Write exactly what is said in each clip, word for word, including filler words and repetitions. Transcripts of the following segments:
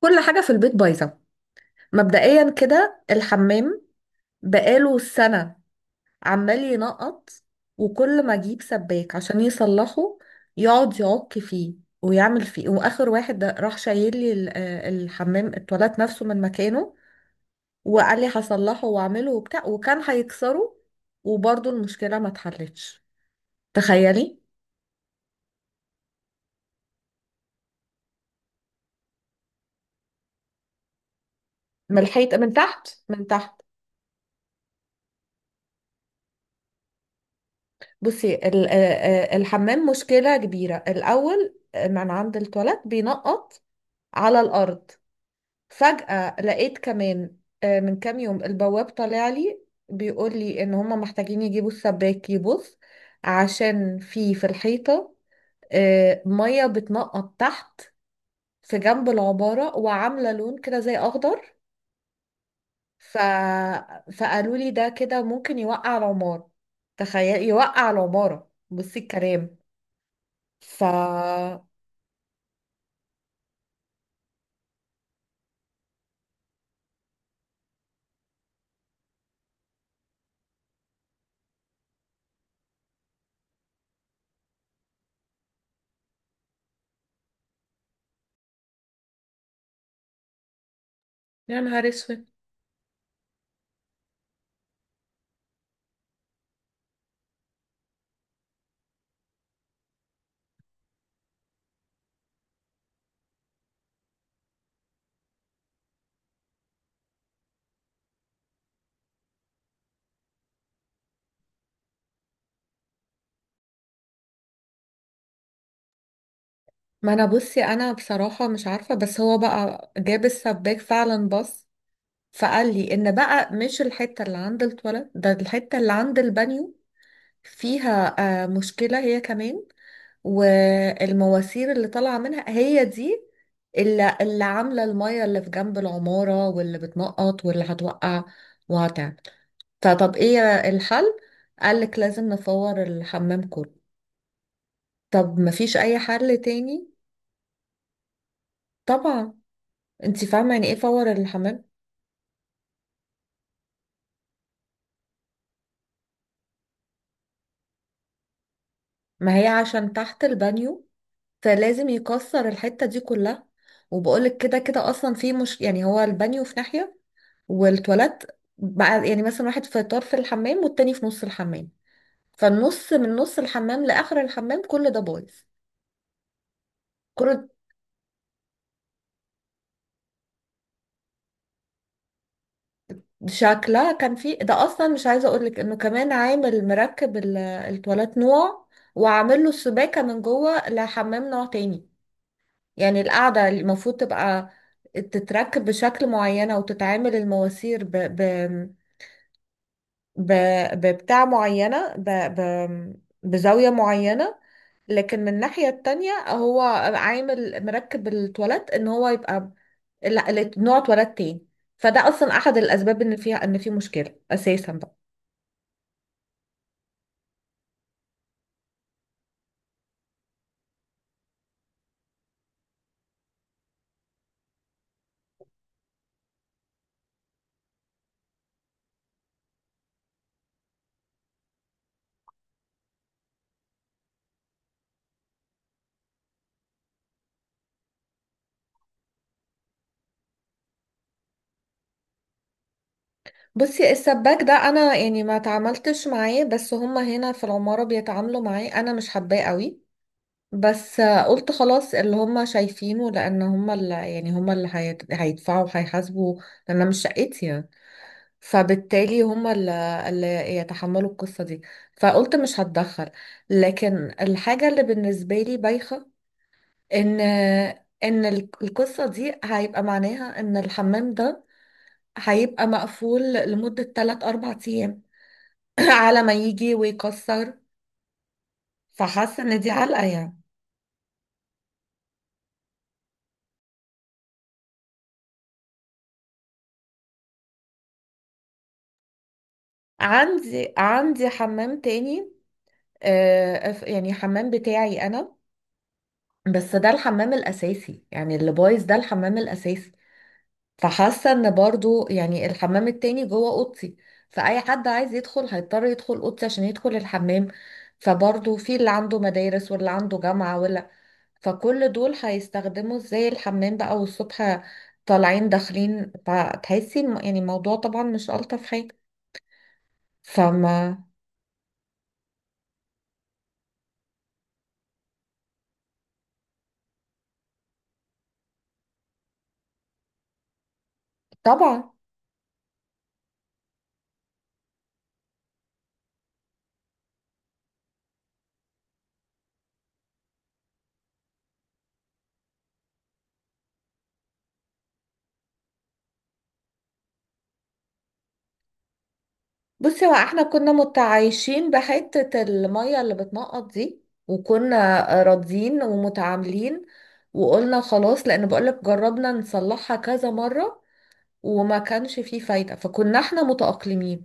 كل حاجة في البيت بايظة. مبدئيا كده الحمام بقاله سنة، عمال ينقط. وكل ما اجيب سباك عشان يصلحه يقعد يعك فيه ويعمل فيه، واخر واحد ده راح شايل لي ال- آه، الحمام، التواليت نفسه من مكانه، وقال لي هصلحه واعمله وبتاع، وكان هيكسره، وبرضه المشكلة ما اتحلتش. تخيلي. من الحيط، من تحت من تحت. بصي ال- آه، آه، الحمام مشكلة كبيرة. الأول آه، من عند التواليت بينقط على الأرض. فجأة لقيت كمان، آه، من كام يوم، البواب طالع لي بيقول لي إن هما محتاجين يجيبوا السباك يبص، عشان في في الحيطة آه، مية بتنقط تحت، في جنب العبارة، وعاملة لون كده زي أخضر. ف... فقالوا لي ده كده ممكن يوقع العمارة. تخيل، يوقع العمارة، بصي الكلام. ف يا نهار اسود. ما انا بصي، انا بصراحة مش عارفة، بس هو بقى جاب السباك فعلا، بص، فقال لي ان بقى مش الحتة اللي عند التواليت، ده الحتة اللي عند البانيو فيها آه مشكلة هي كمان، والمواسير اللي طالعة منها هي دي اللي, اللي عاملة المية اللي في جنب العمارة، واللي بتنقط، واللي هتوقع وهتعمل. فطب ايه الحل؟ قالك لازم نفور الحمام كله. طب مفيش اي حل تاني؟ طبعا. انت فاهمة يعني ايه فور الحمام؟ ما هي عشان تحت البانيو، فلازم يكسر الحتة دي كلها. وبقولك كده كده اصلا، في مش يعني، هو البانيو في ناحية والتواليت بقى يعني مثلا واحد في طرف الحمام والتاني في نص الحمام، فالنص من نص الحمام لاخر الحمام كل ده بايظ. كل، شكلها كان في، ده اصلا مش عايزه اقولك انه كمان عامل مركب ال- التواليت نوع، وعامل له السباكه من جوه لحمام نوع تاني. يعني القاعدة المفروض تبقى تتركب بشكل معينة، وتتعامل المواسير ب... ب... ب... ببتاع معينة، ب... ب... بزاوية معينة. لكن من الناحية التانية هو عامل مركب التواليت ان هو يبقى لا لا- نوع تواليت تاني، فده اصلا احد الاسباب ان فيها، ان في مشكلة اساسا بقى. بصي السباك ده انا يعني ما تعاملتش معاه، بس هما هنا في العمارة بيتعاملوا معاه، انا مش حباه قوي، بس قلت خلاص اللي هم شايفينه، لان هم اللي يعني هم اللي هيت- هيدفعوا وهيحاسبوا، لان أنا مش شقتي يعني، فبالتالي هم اللي, اللي يتحملوا القصة دي، فقلت مش هتدخل. لكن الحاجة اللي بالنسبة لي بايخة، ان ان الك- القصة دي هيبقى معناها ان الحمام ده هيبقى مقفول لمدة ثلاث اربعة ايام على ما يجي ويكسر. فحاسة ان دي علقة يعني. عندي عندي حمام تاني، آه، أف- يعني حمام بتاعي انا، بس ده الحمام الاساسي، يعني اللي بايظ ده الحمام الاساسي. فحاسه ان برضو يعني الحمام التاني جوه اوضتي، فاي حد عايز يدخل هيضطر يدخل اوضتي عشان يدخل الحمام. فبرضو في اللي عنده مدارس واللي عنده جامعه ولا، فكل دول هيستخدموا ازاي الحمام بقى؟ والصبح طالعين داخلين، فتحسي الم- يعني الموضوع طبعا مش الطف حاجه. فما. طبعا. بصي، هو احنا كنا متعايشين بحتة المية اللي بتنقط دي، وكنا راضيين ومتعاملين، وقلنا خلاص، لان بقولك جربنا نصلحها كذا مرة وما كانش فيه فايدة، فكنا احنا متأقلمين.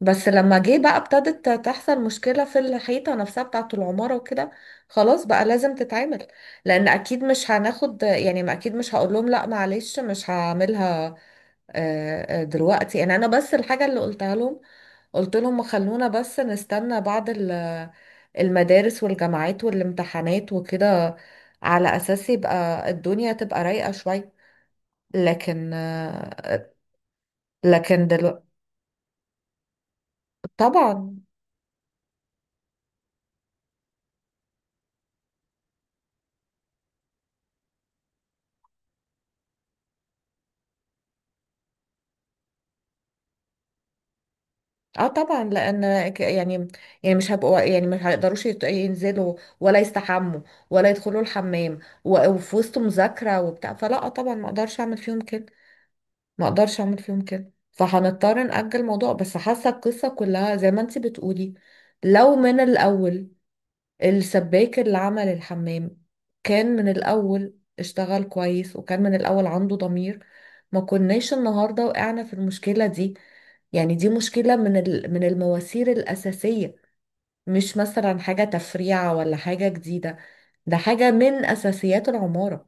بس لما جه بقى ابتدت تحصل مشكلة في الحيطة نفسها بتاعة العمارة وكده، خلاص بقى لازم تتعمل، لان اكيد مش هناخد، يعني ما اكيد مش هقول لهم لا معلش مش هعملها. آه، آه، دلوقتي يعني انا بس الحاجة اللي قلتها لهم، قلت لهم خلونا بس نستنى بعد ال- المدارس والجامعات والامتحانات وكده، على اساس يبقى الدنيا تبقى رايقة شوية. لكن آه، لكن دلوقتي طبعا. اه طبعا لان ك- يعني، يعني مش هبقوا، يعني مش هيقدروش يت- ينزلوا، ولا يستحموا، ولا يدخلوا الحمام، و- وفي وسط مذاكرة وبتاع، فلا طبعا ما اقدرش اعمل فيهم كده، ما اقدرش اعمل فيهم كده. فهنضطر نأجل الموضوع، بس حاسه القصه كلها زي ما انت بتقولي، لو من الاول السباك اللي عمل الحمام كان من الاول اشتغل كويس، وكان من الاول عنده ضمير، ما كناش النهارده وقعنا في المشكله دي. يعني دي مشكله من ال- من المواسير الاساسيه، مش مثلا حاجه تفريعه ولا حاجه جديده، ده حاجه من اساسيات العماره.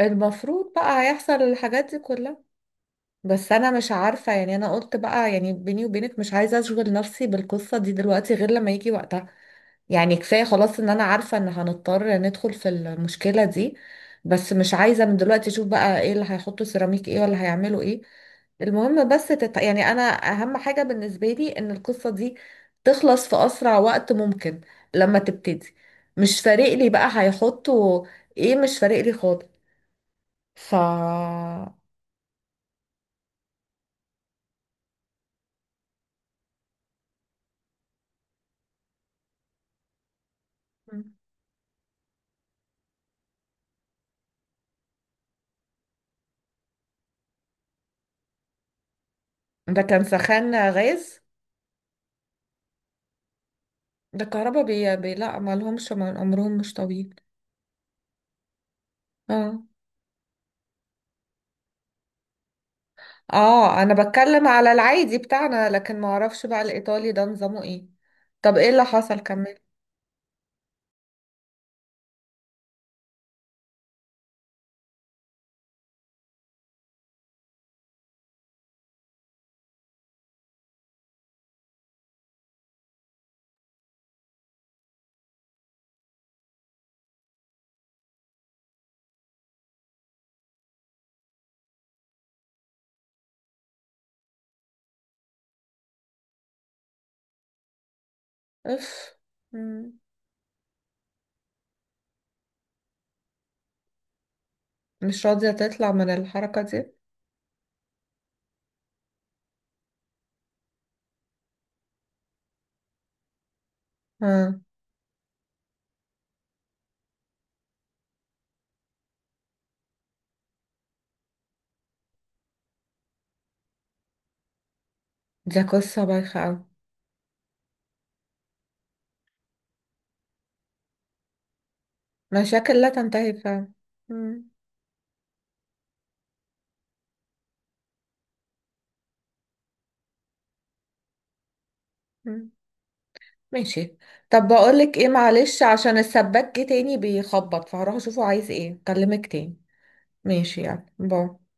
المفروض بقى هيحصل الحاجات دي كلها، بس انا مش عارفة، يعني انا قلت بقى يعني بيني وبينك مش عايزة اشغل نفسي بالقصة دي دلوقتي غير لما يجي وقتها. يعني كفاية خلاص ان انا عارفة ان هنضطر ندخل في المشكلة دي، بس مش عايزة من دلوقتي اشوف بقى ايه اللي هيحطوا، سيراميك ايه ولا هيعملوا ايه. المهم بس تت... يعني انا اهم حاجة بالنسبة لي ان القصة دي تخلص في اسرع وقت ممكن لما تبتدي. مش فارق لي بقى هيحطوا ايه، مش فارق لي خالص. ف مم. ده كان سخان غاز؟ ده الكهرباء بي... بي... لا، ما لهمش ما- عمرهم مش طويل. اه. اه انا بتكلم على العادي بتاعنا، لكن ما اعرفش بقى الايطالي ده نظامه ايه. طب ايه اللي حصل كمان؟ اف. مم. مش راضية تطلع من الحركة دي. اه دي قصة بايخة اوي. مشاكل لا تنتهي فعلا. مم. مم. ماشي. طب بقولك ايه، معلش، عشان السباك جه تاني بيخبط، فهروح اشوفه عايز ايه، اكلمك تاني. ماشي، يعني باي.